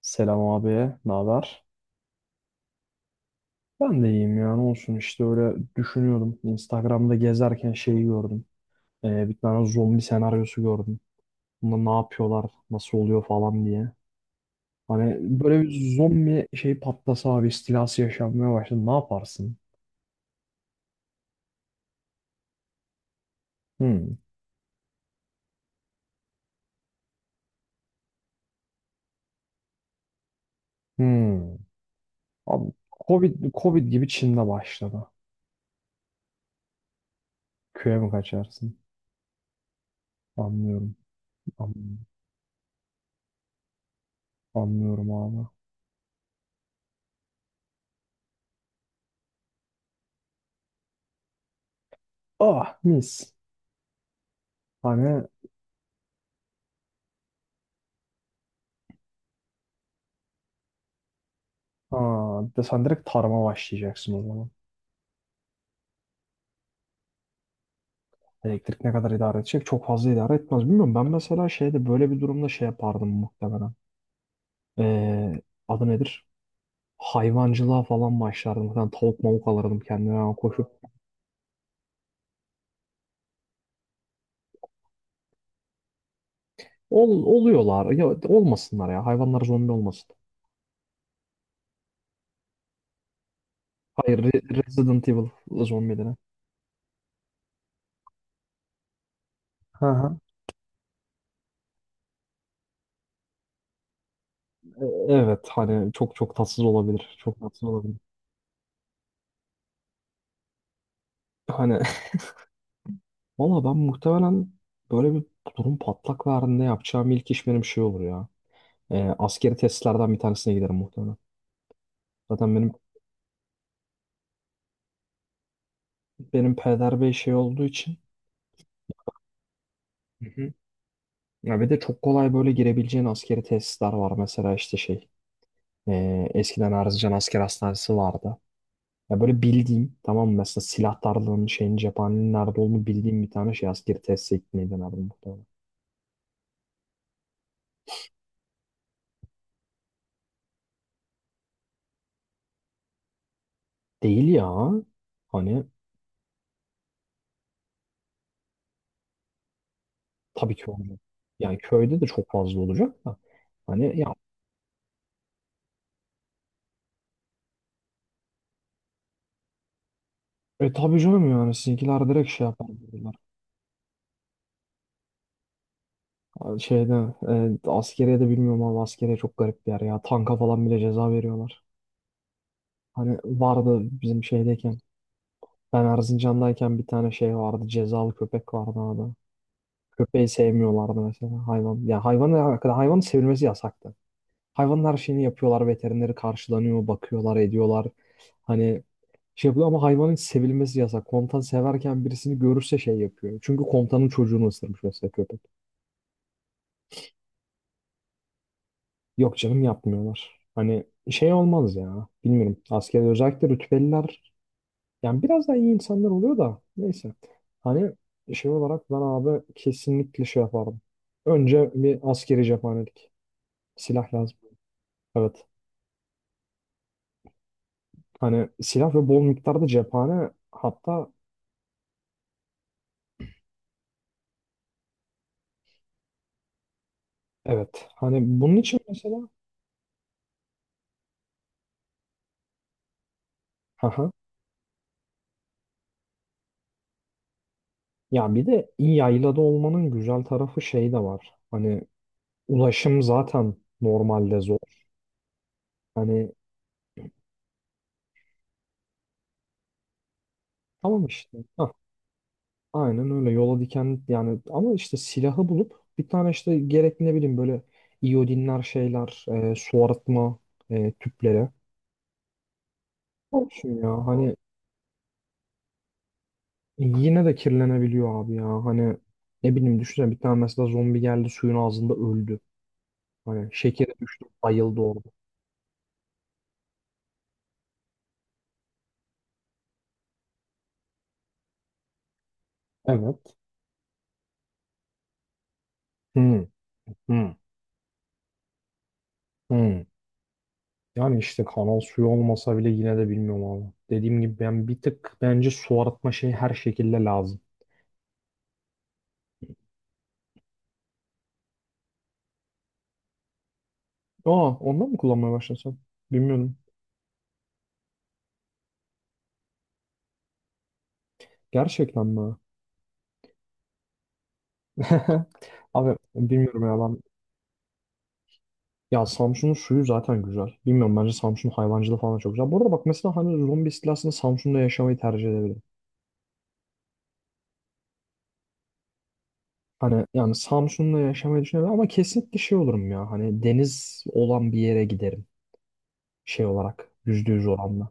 Selam abi, ne haber? Ben de iyiyim yani olsun işte öyle düşünüyordum. Instagram'da gezerken şeyi gördüm. Bir tane zombi senaryosu gördüm. Bunda ne yapıyorlar, nasıl oluyor falan diye. Hani böyle bir zombi şey patlasa abi istilası yaşanmaya başladı. Ne yaparsın? Hmm. Hmm. Abi, Covid, Covid gibi Çin'de başladı. Köye mi kaçarsın? Anlıyorum. Anlıyorum, anlıyorum abi. Ah mis. Hani de sen direkt tarıma başlayacaksın o zaman. Elektrik ne kadar idare edecek? Çok fazla idare etmez. Bilmiyorum. Ben mesela şeyde böyle bir durumda şey yapardım muhtemelen. Ee, adı nedir? Hayvancılığa falan başlardım. Falan tavuk mavuk alırdım kendime hemen koşup. Oluyorlar. Ya, olmasınlar ya. Hayvanlar zombi olmasın. Hayır, Resident Evil zombileri. Hı hı. Evet hani çok çok tatsız olabilir. Çok tatsız olabilir. Hani valla ben muhtemelen böyle bir durum patlak verdiğinde yapacağım ilk iş benim şey olur ya. Askeri tesislerden bir tanesine giderim muhtemelen. Zaten benim benim peder bey şey olduğu için. Hı hı. Ya bir de çok kolay böyle girebileceğin askeri tesisler var. Mesela işte şey, eskiden Erzincan Asker Hastanesi vardı. Ya böyle bildiğim tamam mı? Mesela silahlarının şeyin cephanenin nerede olduğunu bildiğim bir tane şey askeri tesise gitmeyi denerdim muhtemelen. Değil ya. Hani tabii ki olacak. Yani köyde de çok fazla olacak da. Hani ya, e tabii canım yani sizinkiler direkt şey yapar diyorlar. Şeyde, askeriye de bilmiyorum ama askeriye çok garip bir yer ya. Tanka falan bile ceza veriyorlar. Hani vardı bizim şeydeyken. Ben Erzincan'dayken bir tane şey vardı. Cezalı köpek vardı orada. Köpeği sevmiyorlardı mesela hayvan. Ya hayvan hakkında hayvanın sevilmesi yasaktı. Hayvanın her şeyini yapıyorlar. Veterineri karşılanıyor, bakıyorlar, ediyorlar. Hani şey yapıyor ama hayvanın hiç sevilmesi yasak. Komutan severken birisini görürse şey yapıyor. Çünkü komutanın çocuğunu ısırmış mesela köpek. Yok canım yapmıyorlar. Hani şey olmaz ya. Bilmiyorum. Askeri özellikle rütbeliler, yani biraz daha iyi insanlar oluyor da neyse. Hani şey olarak ben abi kesinlikle şey yapardım. Önce bir askeri cephanelik. Silah lazım. Evet. Hani silah ve bol miktarda cephane, hatta evet. Hani bunun için mesela haha. Ya bir de iyi yaylada olmanın güzel tarafı şey de var. Hani ulaşım zaten normalde zor. Hani tamam işte. Aynen öyle yola diken yani ama işte silahı bulup bir tane işte gerekli ne bileyim böyle iyodinler şeyler, su arıtma, tüpleri. Olsun ya hani yine de kirlenebiliyor abi, ya hani ne bileyim düşünsene bir tane mesela zombi geldi suyun ağzında öldü, hani şekeri düştü bayıldı orada. Evet. Hı hı hı. Yani işte kanal suyu olmasa bile yine de bilmiyorum abi. Dediğim gibi ben bir tık bence su arıtma şeyi her şekilde lazım. Aa, ondan mı kullanmaya başlasam? Bilmiyorum. Gerçekten mi? Abi bilmiyorum ya ben. Ya Samsun'un suyu zaten güzel. Bilmiyorum, bence Samsun hayvancılığı falan da çok güzel. Bu arada bak mesela hani zombi istilasında Samsun'da yaşamayı tercih edebilirim. Hani yani Samsun'da yaşamayı düşünebilirim ama kesinlikle şey olurum ya. Hani deniz olan bir yere giderim, şey olarak %100 oranla.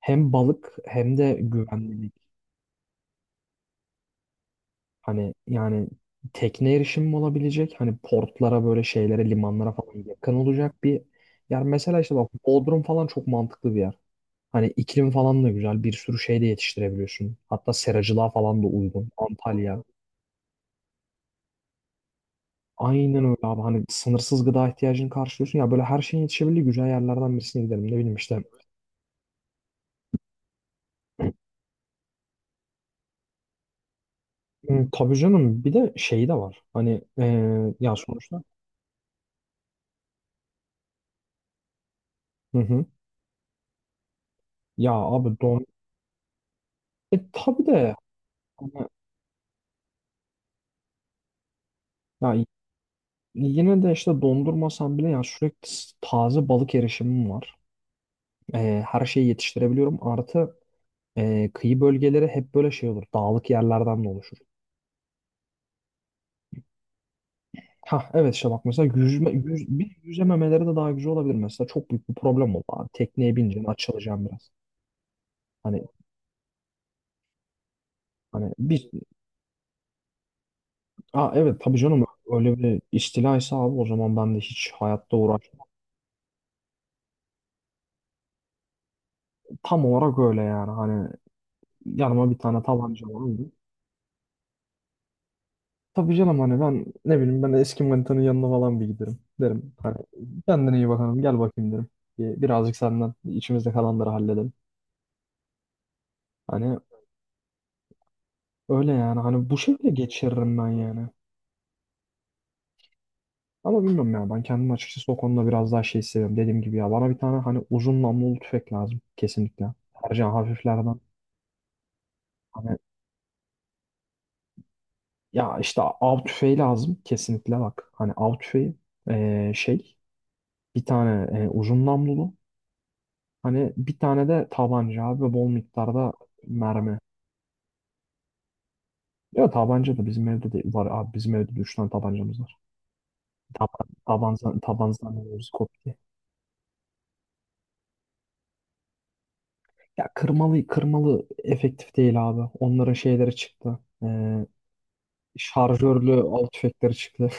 Hem balık hem de güvenlilik. Hani yani tekne erişimim olabilecek. Hani portlara böyle şeylere limanlara falan yakın olacak bir yer. Mesela işte bak Bodrum falan çok mantıklı bir yer. Hani iklim falan da güzel. Bir sürü şey de yetiştirebiliyorsun. Hatta seracılığa falan da uygun. Antalya. Aynen öyle abi. Hani sınırsız gıda ihtiyacını karşılıyorsun. Ya böyle her şeyin yetişebildiği güzel yerlerden birisine gidelim. Ne bileyim işte. Hmm, tabii canım. Bir de şeyi de var. Hani ya sonuçta. Hı hı. Ya abi don... E tabii de. Hani, ya yine de işte dondurmasam bile ya sürekli taze balık erişimim var. E, her şeyi yetiştirebiliyorum. Artı kıyı bölgeleri hep böyle şey olur. Dağlık yerlerden de oluşur. Ha evet işte bak mesela bir yüzememeleri de daha güzel olabilir mesela. Çok büyük bir problem oldu abi. Tekneye bineceğim, açılacağım biraz. Hani hani bir, aa, evet tabii canım öyle bir istilaysa abi o zaman ben de hiç hayatta uğraşmam. Tam olarak öyle yani. Hani yanıma bir tane tabanca alırım. Tabii canım hani ben ne bileyim ben eski manitanın yanına falan bir giderim. Derim hani kendine iyi bakalım gel bakayım derim. Birazcık senden içimizde kalanları halledelim. Hani öyle yani hani bu şekilde geçiririm ben yani. Ama bilmiyorum ya ben kendim açıkçası o konuda biraz daha şey seviyorum. Dediğim gibi ya bana bir tane hani uzun namlulu tüfek lazım kesinlikle. Tercihen hafiflerden. Hani ya işte av tüfeği lazım kesinlikle bak. Hani av tüfeği, şey, bir tane uzun namlulu. Hani bir tane de tabanca abi ve bol miktarda mermi. Ya tabanca da bizim evde de var abi. Bizim evde de üç tane tabancamız var. Tabanzan, tabanzan diyoruz kopya. Ya kırmalı kırmalı efektif değil abi. Onların şeyleri çıktı. Şarjörlü av tüfekleri çıktı.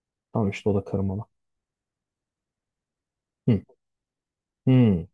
Tamam işte o da kırmalı. Hı. Hmm.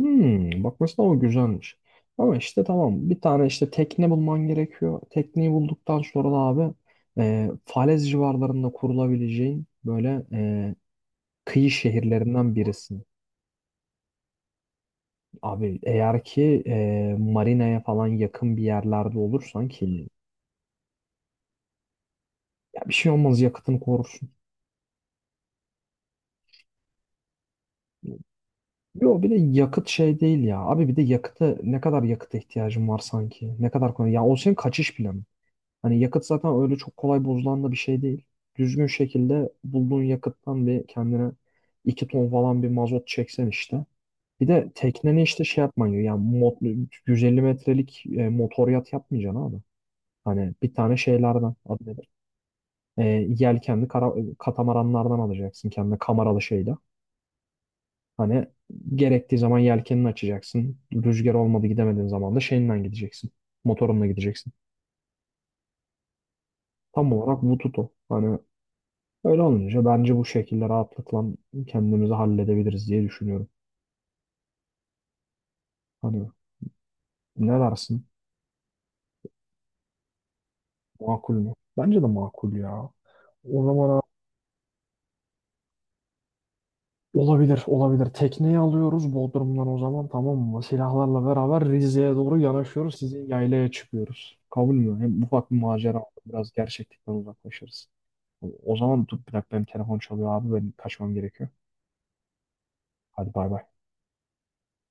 Hmm. Bak mesela o güzelmiş. Ama işte tamam bir tane işte tekne bulman gerekiyor. Tekneyi bulduktan sonra da abi Falez civarlarında kurulabileceğin böyle kıyı şehirlerinden birisin. Abi eğer ki marinaya falan yakın bir yerlerde olursan ki ya bir şey olmaz yakıtını korursun. Yo bir de yakıt şey değil ya. Abi bir de yakıtı, ne kadar yakıta ihtiyacın var sanki? Ne kadar kolay. Ya o senin kaçış planı. Hani yakıt zaten öyle çok kolay bozulan da bir şey değil. Düzgün şekilde bulduğun yakıttan bir kendine 2 ton falan bir mazot çeksen işte. Bir de tekneni işte şey yapman gerekiyor. Yani 150 metrelik motor yat yapmayacaksın abi. Hani bir tane şeylerden adı nedir? E, yelkenli katamaranlardan alacaksın kendine kameralı şeyle. Hani gerektiği zaman yelkenini açacaksın. Rüzgar olmadı gidemediğin zaman da şeyinden gideceksin. Motorunla gideceksin. Tam olarak bu tutu. Hani öyle olunca bence bu şekilde rahatlıkla kendimizi halledebiliriz diye düşünüyorum. Hani ne dersin? Makul mü? Bence de makul ya. O zaman ha- Olabilir, olabilir. Tekneyi alıyoruz Bodrum'dan o zaman, tamam mı? Silahlarla beraber Rize'ye doğru yanaşıyoruz. Sizin yaylaya çıkıyoruz. Kabul mü? Hem ufak bir macera, olur, biraz gerçeklikten uzaklaşırız. O zaman dur bir dakika benim telefon çalıyor abi. Benim kaçmam gerekiyor. Hadi bay bay.